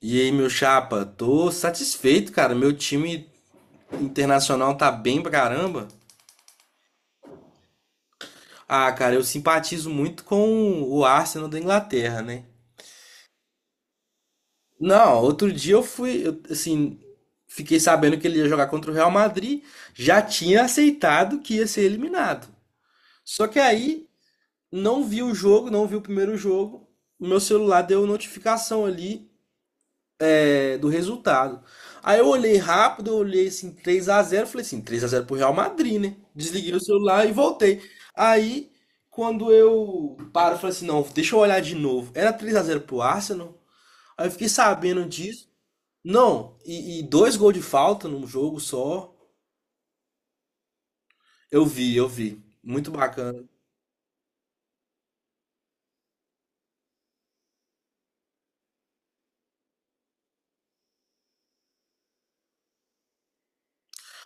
E aí, meu chapa, tô satisfeito, cara. Meu time internacional tá bem pra caramba. Ah, cara, eu simpatizo muito com o Arsenal da Inglaterra, né? Não, outro dia eu, assim, fiquei sabendo que ele ia jogar contra o Real Madrid, já tinha aceitado que ia ser eliminado. Só que aí não vi o jogo, não vi o primeiro jogo. O meu celular deu notificação ali do resultado. Aí eu olhei rápido, eu olhei assim, 3 a 0, falei assim, 3 a 0 pro Real Madrid, né? Desliguei o celular e voltei. Aí, quando eu paro, eu falei assim, não, deixa eu olhar de novo. Era 3 a 0 pro Arsenal. Aí eu fiquei sabendo disso. Não, e dois gols de falta num jogo só. Eu vi, eu vi. Muito bacana.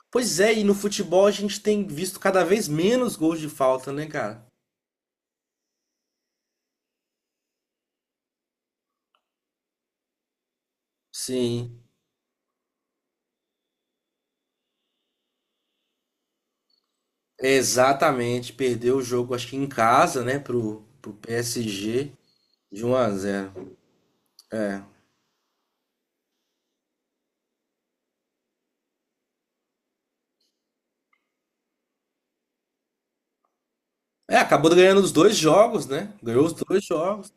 Pois é, e no futebol a gente tem visto cada vez menos gols de falta, né, cara? Sim. Exatamente, perdeu o jogo, acho que em casa, né, pro PSG, de um a zero. É. É, acabou ganhando os dois jogos, né? Ganhou os dois jogos.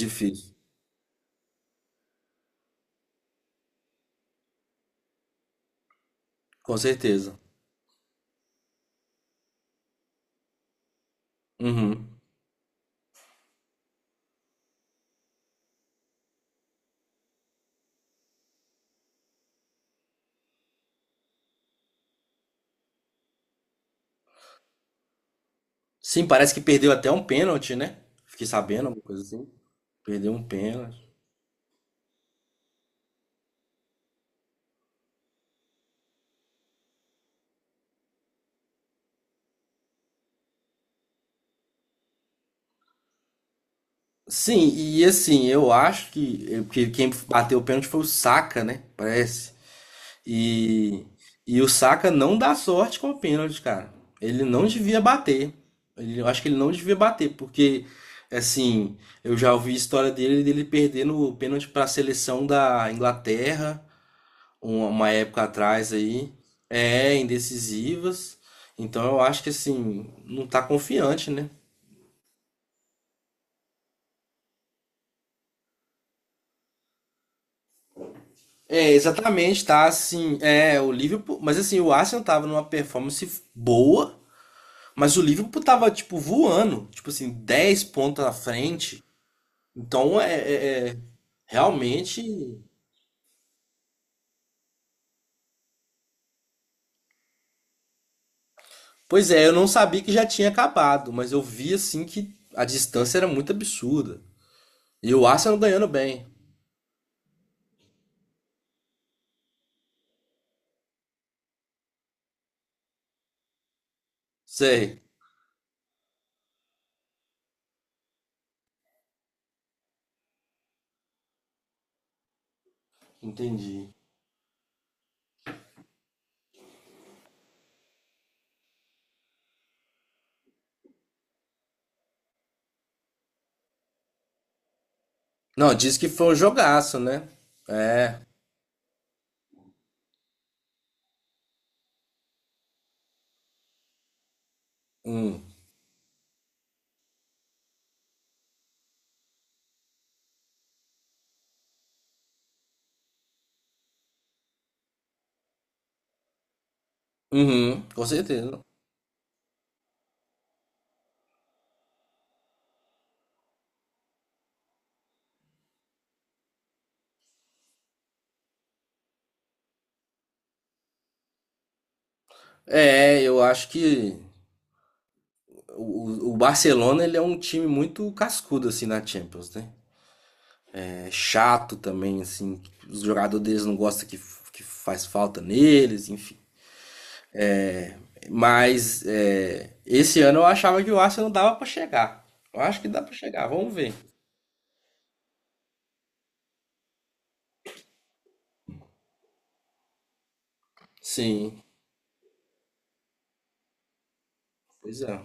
Difícil, com certeza. Uhum. Sim, parece que perdeu até um pênalti, né? Fiquei sabendo, alguma coisa assim. Perdeu um pênalti. Sim, e assim, eu acho que quem bateu o pênalti foi o Saka, né? Parece. E, e o Saka não dá sorte com o pênalti, cara. Ele não devia bater. Eu acho que ele não devia bater, porque, assim, eu já ouvi a história dele, dele perdendo o pênalti para a seleção da Inglaterra, uma época atrás aí. É, indecisivas. Então eu acho que, assim, não tá confiante, né? É, exatamente, tá assim. É, o Liverpool. Mas assim, o Arsenal tava numa performance boa. Mas o Liverpool tava, tipo, voando. Tipo assim, 10 pontos na frente. Então é realmente. Pois é, eu não sabia que já tinha acabado, mas eu vi assim que a distância era muito absurda. E o Arsenal ganhando bem. Sei. Entendi. Não, disse que foi um jogaço, né? É. Hum. Uhum, com certeza. É, eu acho que o Barcelona ele é um time muito cascudo assim na Champions, né? É chato também, assim. Os jogadores deles não gostam que faz falta neles, enfim. Mas é, esse ano eu achava que o Arsenal dava pra chegar. Eu acho que dá pra chegar, vamos ver. Sim, pois é.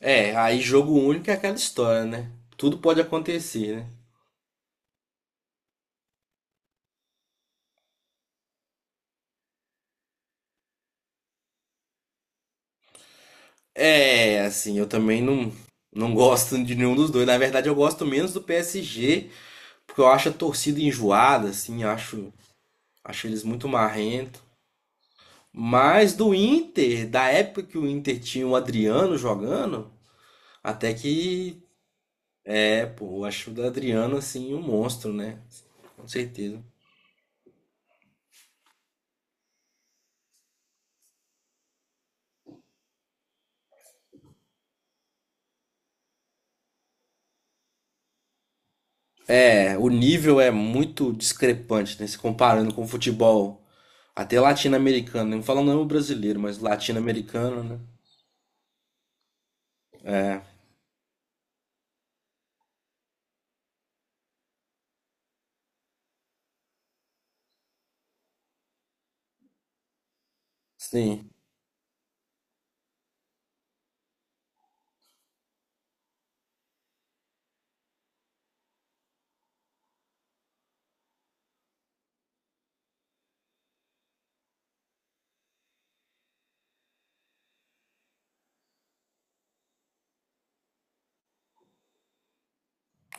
É, aí jogo único é aquela história, né? Tudo pode acontecer, né? É, assim, eu também não, não gosto de nenhum dos dois. Na verdade, eu gosto menos do PSG, porque eu acho a torcida enjoada, assim, acho eles muito marrentos. Mas do Inter, da época que o Inter tinha o Adriano jogando, até que é, pô, eu acho o Adriano assim um monstro, né? Com certeza. É, o nível é muito discrepante, né? Se comparando com o futebol até latino-americano, né? Não falando não o brasileiro, mas latino-americano, né? É, sim.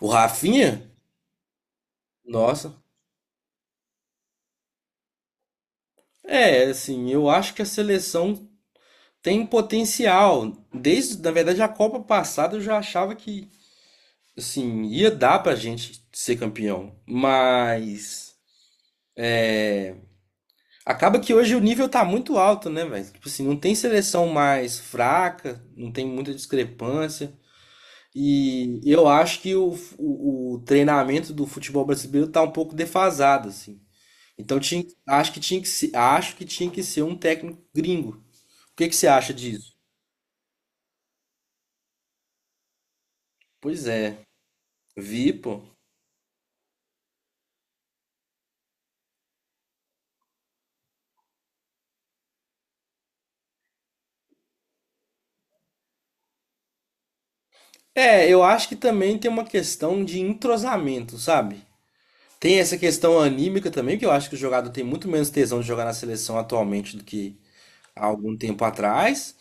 O Rafinha? Nossa. É, assim, eu acho que a seleção tem potencial. Desde, na verdade, a Copa passada eu já achava que assim, ia dar pra gente ser campeão, mas é, acaba que hoje o nível tá muito alto, né, velho? Tipo assim, não tem seleção mais fraca, não tem muita discrepância. E eu acho que o treinamento do futebol brasileiro tá um pouco defasado, assim. Então tinha, acho que tinha que se, acho que tinha que ser um técnico gringo. O que que você acha disso? Pois é, vi, pô. É, eu acho que também tem uma questão de entrosamento, sabe? Tem essa questão anímica também, que eu acho que o jogador tem muito menos tesão de jogar na seleção atualmente do que há algum tempo atrás.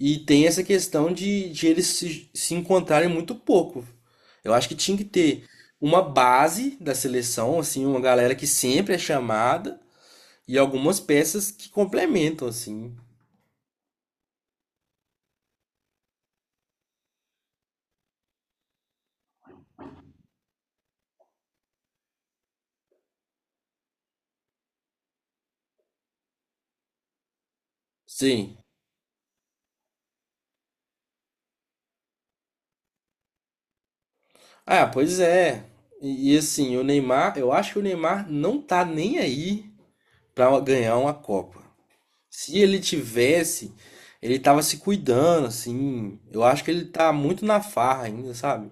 E tem essa questão de eles se encontrarem muito pouco. Eu acho que tinha que ter uma base da seleção, assim, uma galera que sempre é chamada e algumas peças que complementam, assim. Sim. Ah, pois é. E assim, o Neymar, eu acho que o Neymar não tá nem aí pra ganhar uma Copa. Se ele tivesse, ele tava se cuidando, assim. Eu acho que ele tá muito na farra ainda, sabe?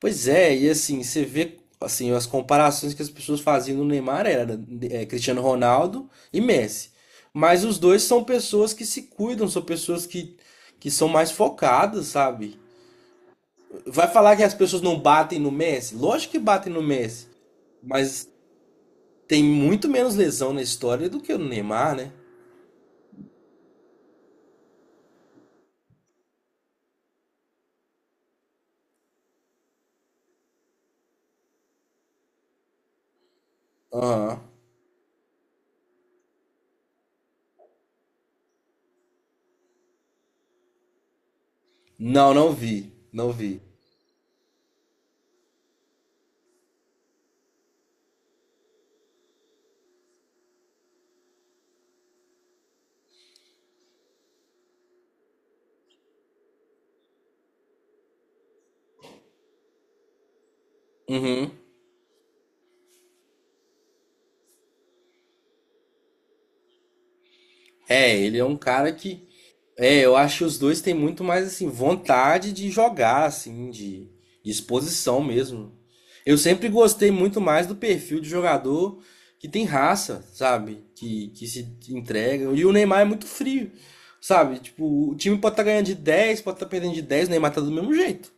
Pois é, e assim, você vê assim, as comparações que as pessoas faziam no Neymar era Cristiano Ronaldo e Messi. Mas os dois são pessoas que se cuidam, são pessoas que são mais focadas, sabe? Vai falar que as pessoas não batem no Messi? Lógico que batem no Messi, mas tem muito menos lesão na história do que o Neymar, né? Aham. Não, não vi. Não vi. Uhum. É, ele é um cara que. É, eu acho que os dois têm muito mais assim, vontade de jogar, assim, de exposição mesmo. Eu sempre gostei muito mais do perfil de jogador que tem raça, sabe? Que se entrega. E o Neymar é muito frio, sabe? Tipo, o time pode estar ganhando de 10, pode estar perdendo de 10, o Neymar tá do mesmo jeito.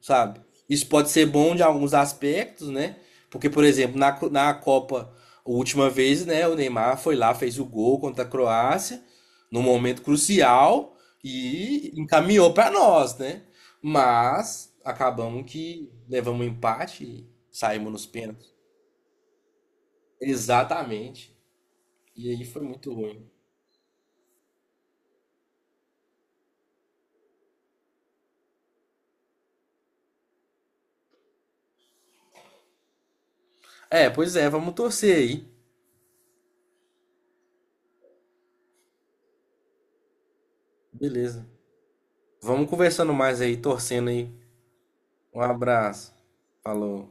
Sabe? Isso pode ser bom de alguns aspectos, né? Porque, por exemplo, na Copa, a última vez, né, o Neymar foi lá, fez o gol contra a Croácia, num momento crucial, e encaminhou para nós, né? Mas acabamos que levamos um empate e saímos nos pênaltis. Exatamente. E aí foi muito ruim. É, pois é, vamos torcer aí. Beleza. Vamos conversando mais aí, torcendo aí. Um abraço. Falou.